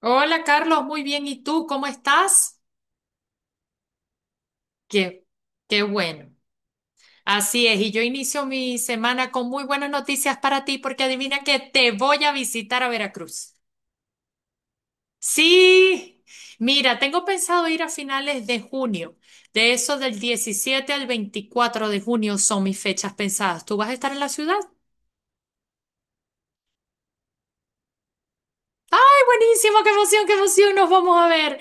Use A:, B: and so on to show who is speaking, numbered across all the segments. A: Hola Carlos, muy bien. ¿Y tú cómo estás? Qué, qué bueno. Así es, y yo inicio mi semana con muy buenas noticias para ti porque adivina que te voy a visitar a Veracruz. Sí, mira, tengo pensado ir a finales de junio. De eso del 17 al 24 de junio son mis fechas pensadas. ¿Tú vas a estar en la ciudad? Buenísimo, qué emoción, nos vamos a ver.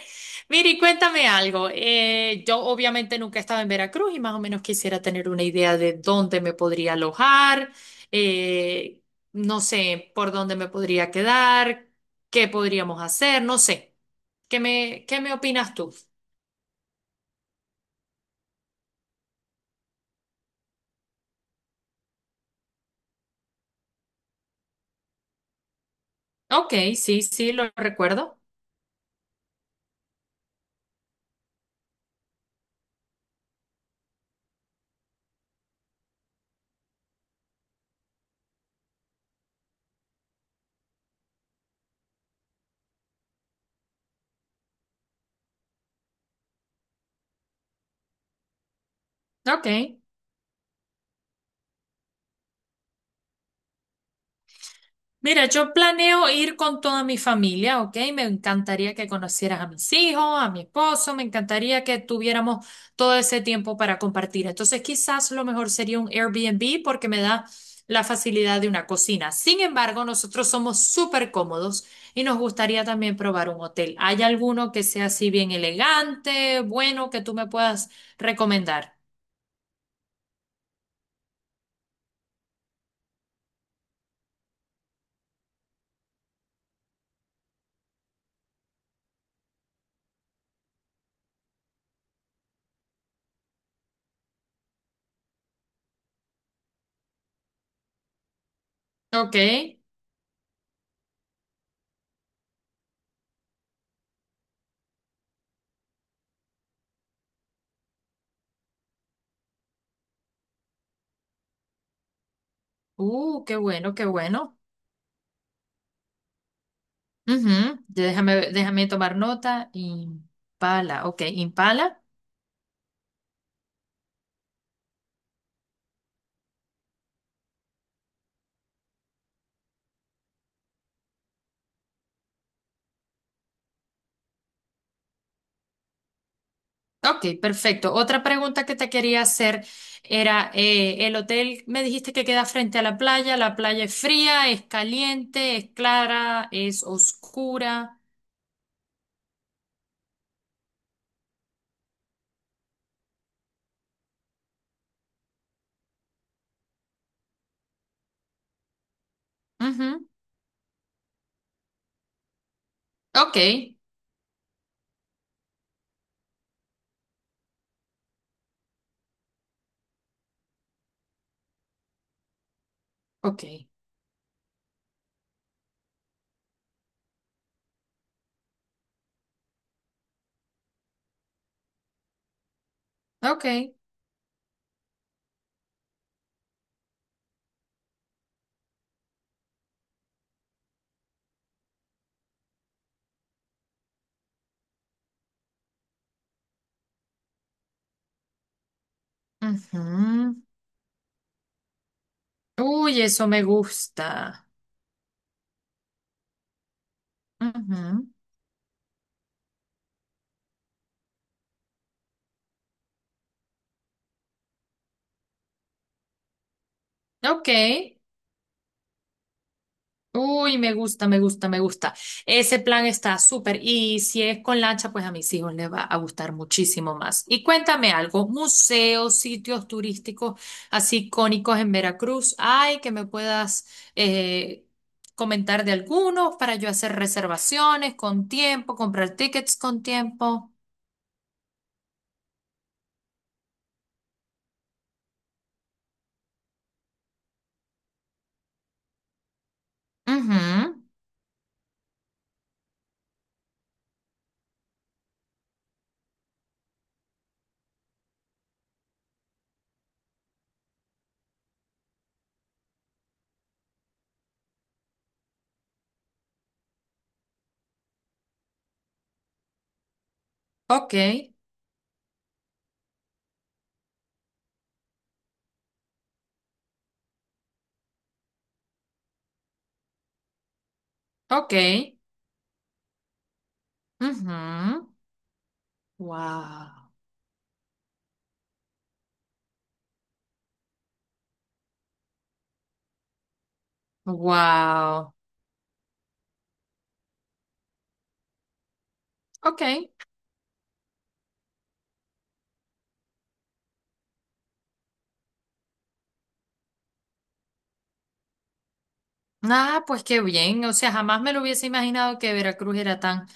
A: Miri, cuéntame algo. Yo obviamente nunca he estado en Veracruz y más o menos quisiera tener una idea de dónde me podría alojar, eh, no sé, por dónde me podría quedar, qué podríamos hacer, no sé. ¿Qué me opinas tú? Ok, sí, sí, lo recuerdo. Ok. Mira, yo planeo ir con toda mi familia, ¿ok? Me encantaría que conocieras a mis hijos, a mi esposo, me encantaría que tuviéramos todo ese tiempo para compartir. Entonces, quizás lo mejor sería un Airbnb porque me da la facilidad de una cocina. Sin embargo, nosotros somos súper cómodos y nos gustaría también probar un hotel. ¿Hay alguno que sea así bien elegante, bueno, que tú me puedas recomendar? Ok. Qué bueno, qué bueno. Ujú, déjame, déjame tomar nota. Impala. Ok, perfecto. Otra pregunta que te quería hacer era, el hotel me dijiste que queda frente a la playa es fría, es caliente, es clara, es oscura. Ujú, ok, ok, ok. Ujú. Uy, eso me gusta. Ujú, ok. Uy, me gusta, me gusta, me gusta. Ese plan está súper. Y si es con lancha, pues a mis hijos les va a gustar muchísimo más. Y cuéntame algo, museos, sitios turísticos así icónicos en Veracruz, hay que me puedas eh, comentar de algunos para yo hacer reservaciones con tiempo, comprar tickets con tiempo. Ujú. Ok, ok. Wow. Wow. Ok. Ah, pues qué bien. O sea, jamás me lo hubiese imaginado que Veracruz era tan,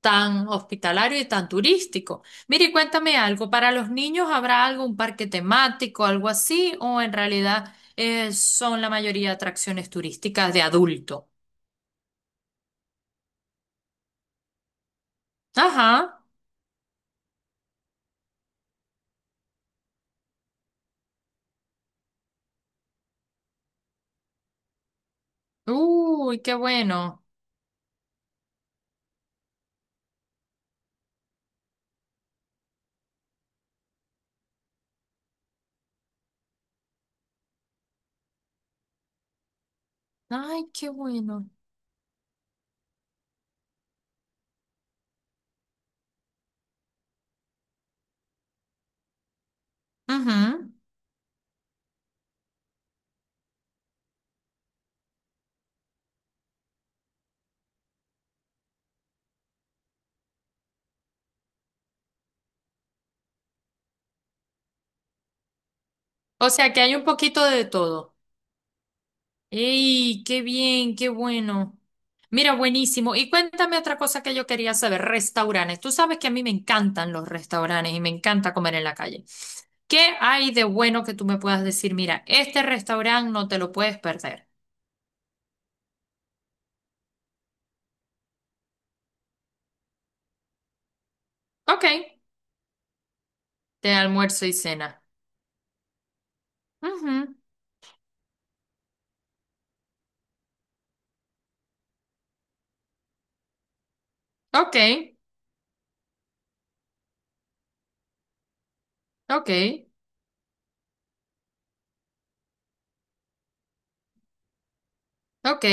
A: tan hospitalario y tan turístico. Mire, y cuéntame algo. ¿Para los niños habrá algún parque temático, algo así? ¿O en realidad son la mayoría atracciones turísticas de adulto? Ajá. Uy, qué bueno. Ay, qué bueno. Ujú. O sea, que hay un poquito de todo. ¡Ey! ¡Qué bien! ¡Qué bueno! Mira, buenísimo. Y cuéntame otra cosa que yo quería saber, restaurantes. Tú sabes que a mí me encantan los restaurantes y me encanta comer en la calle. ¿Qué hay de bueno que tú me puedas decir? Mira, este restaurante no te lo puedes perder. Ok, de almuerzo y cena. Ujú. Ok, ok, ok,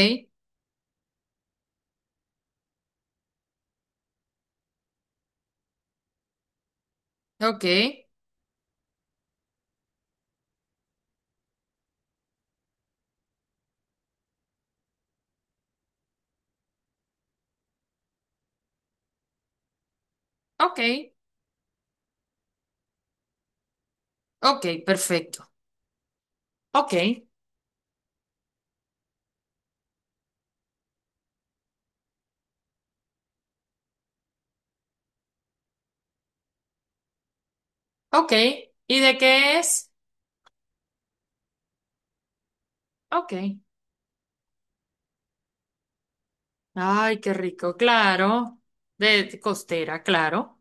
A: ok, ok, ok, perfecto. Ok, ok. ¿Y de qué es? Ok. Ay, qué rico, claro. De costera, claro.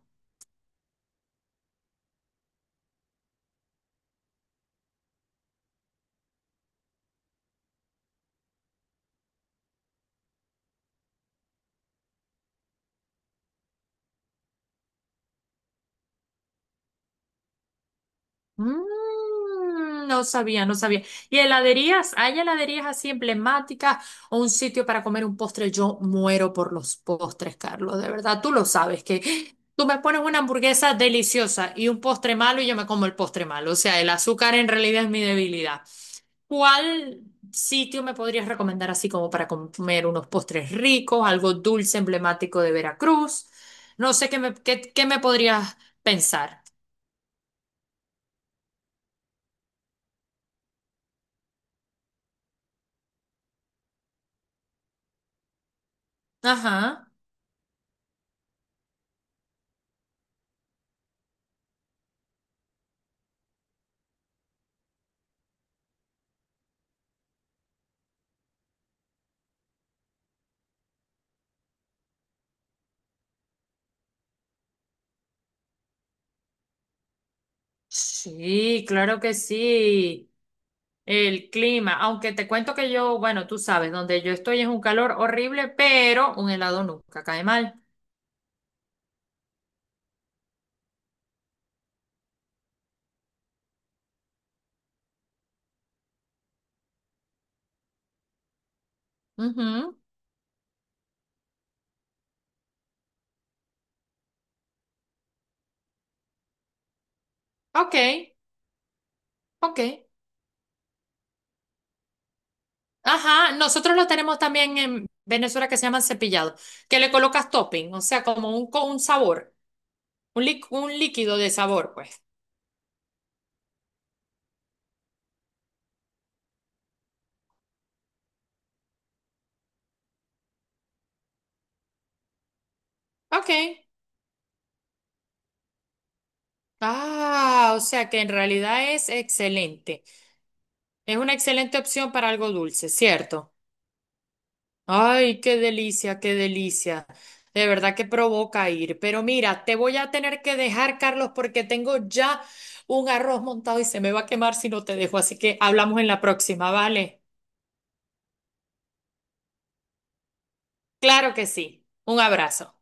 A: Mm, no sabía, no sabía. ¿Y heladerías? ¿Hay heladerías así emblemáticas o un sitio para comer un postre? Yo muero por los postres, Carlos, de verdad. Tú lo sabes, que tú me pones una hamburguesa deliciosa y un postre malo y yo me como el postre malo. O sea, el azúcar en realidad es mi debilidad. ¿Cuál sitio me podrías recomendar así como para comer unos postres ricos, algo dulce emblemático de Veracruz? No sé qué me podrías pensar. Ajá. Sí, claro que sí. El clima, aunque te cuento que yo, bueno, tú sabes, donde yo estoy es un calor horrible, pero un helado nunca cae mal. Ujú. Ok, ok. Ajá, nosotros lo tenemos también en Venezuela que se llaman cepillado, que le colocas topping, o sea, un sabor, un líquido de sabor, pues. Ok. Ah, o sea que en realidad es excelente. Es una excelente opción para algo dulce, ¿cierto? Ay, qué delicia, qué delicia. De verdad que provoca ir. Pero mira, te voy a tener que dejar, Carlos, porque tengo ya un arroz montado y se me va a quemar si no te dejo. Así que hablamos en la próxima, ¿vale? Claro que sí. Un abrazo.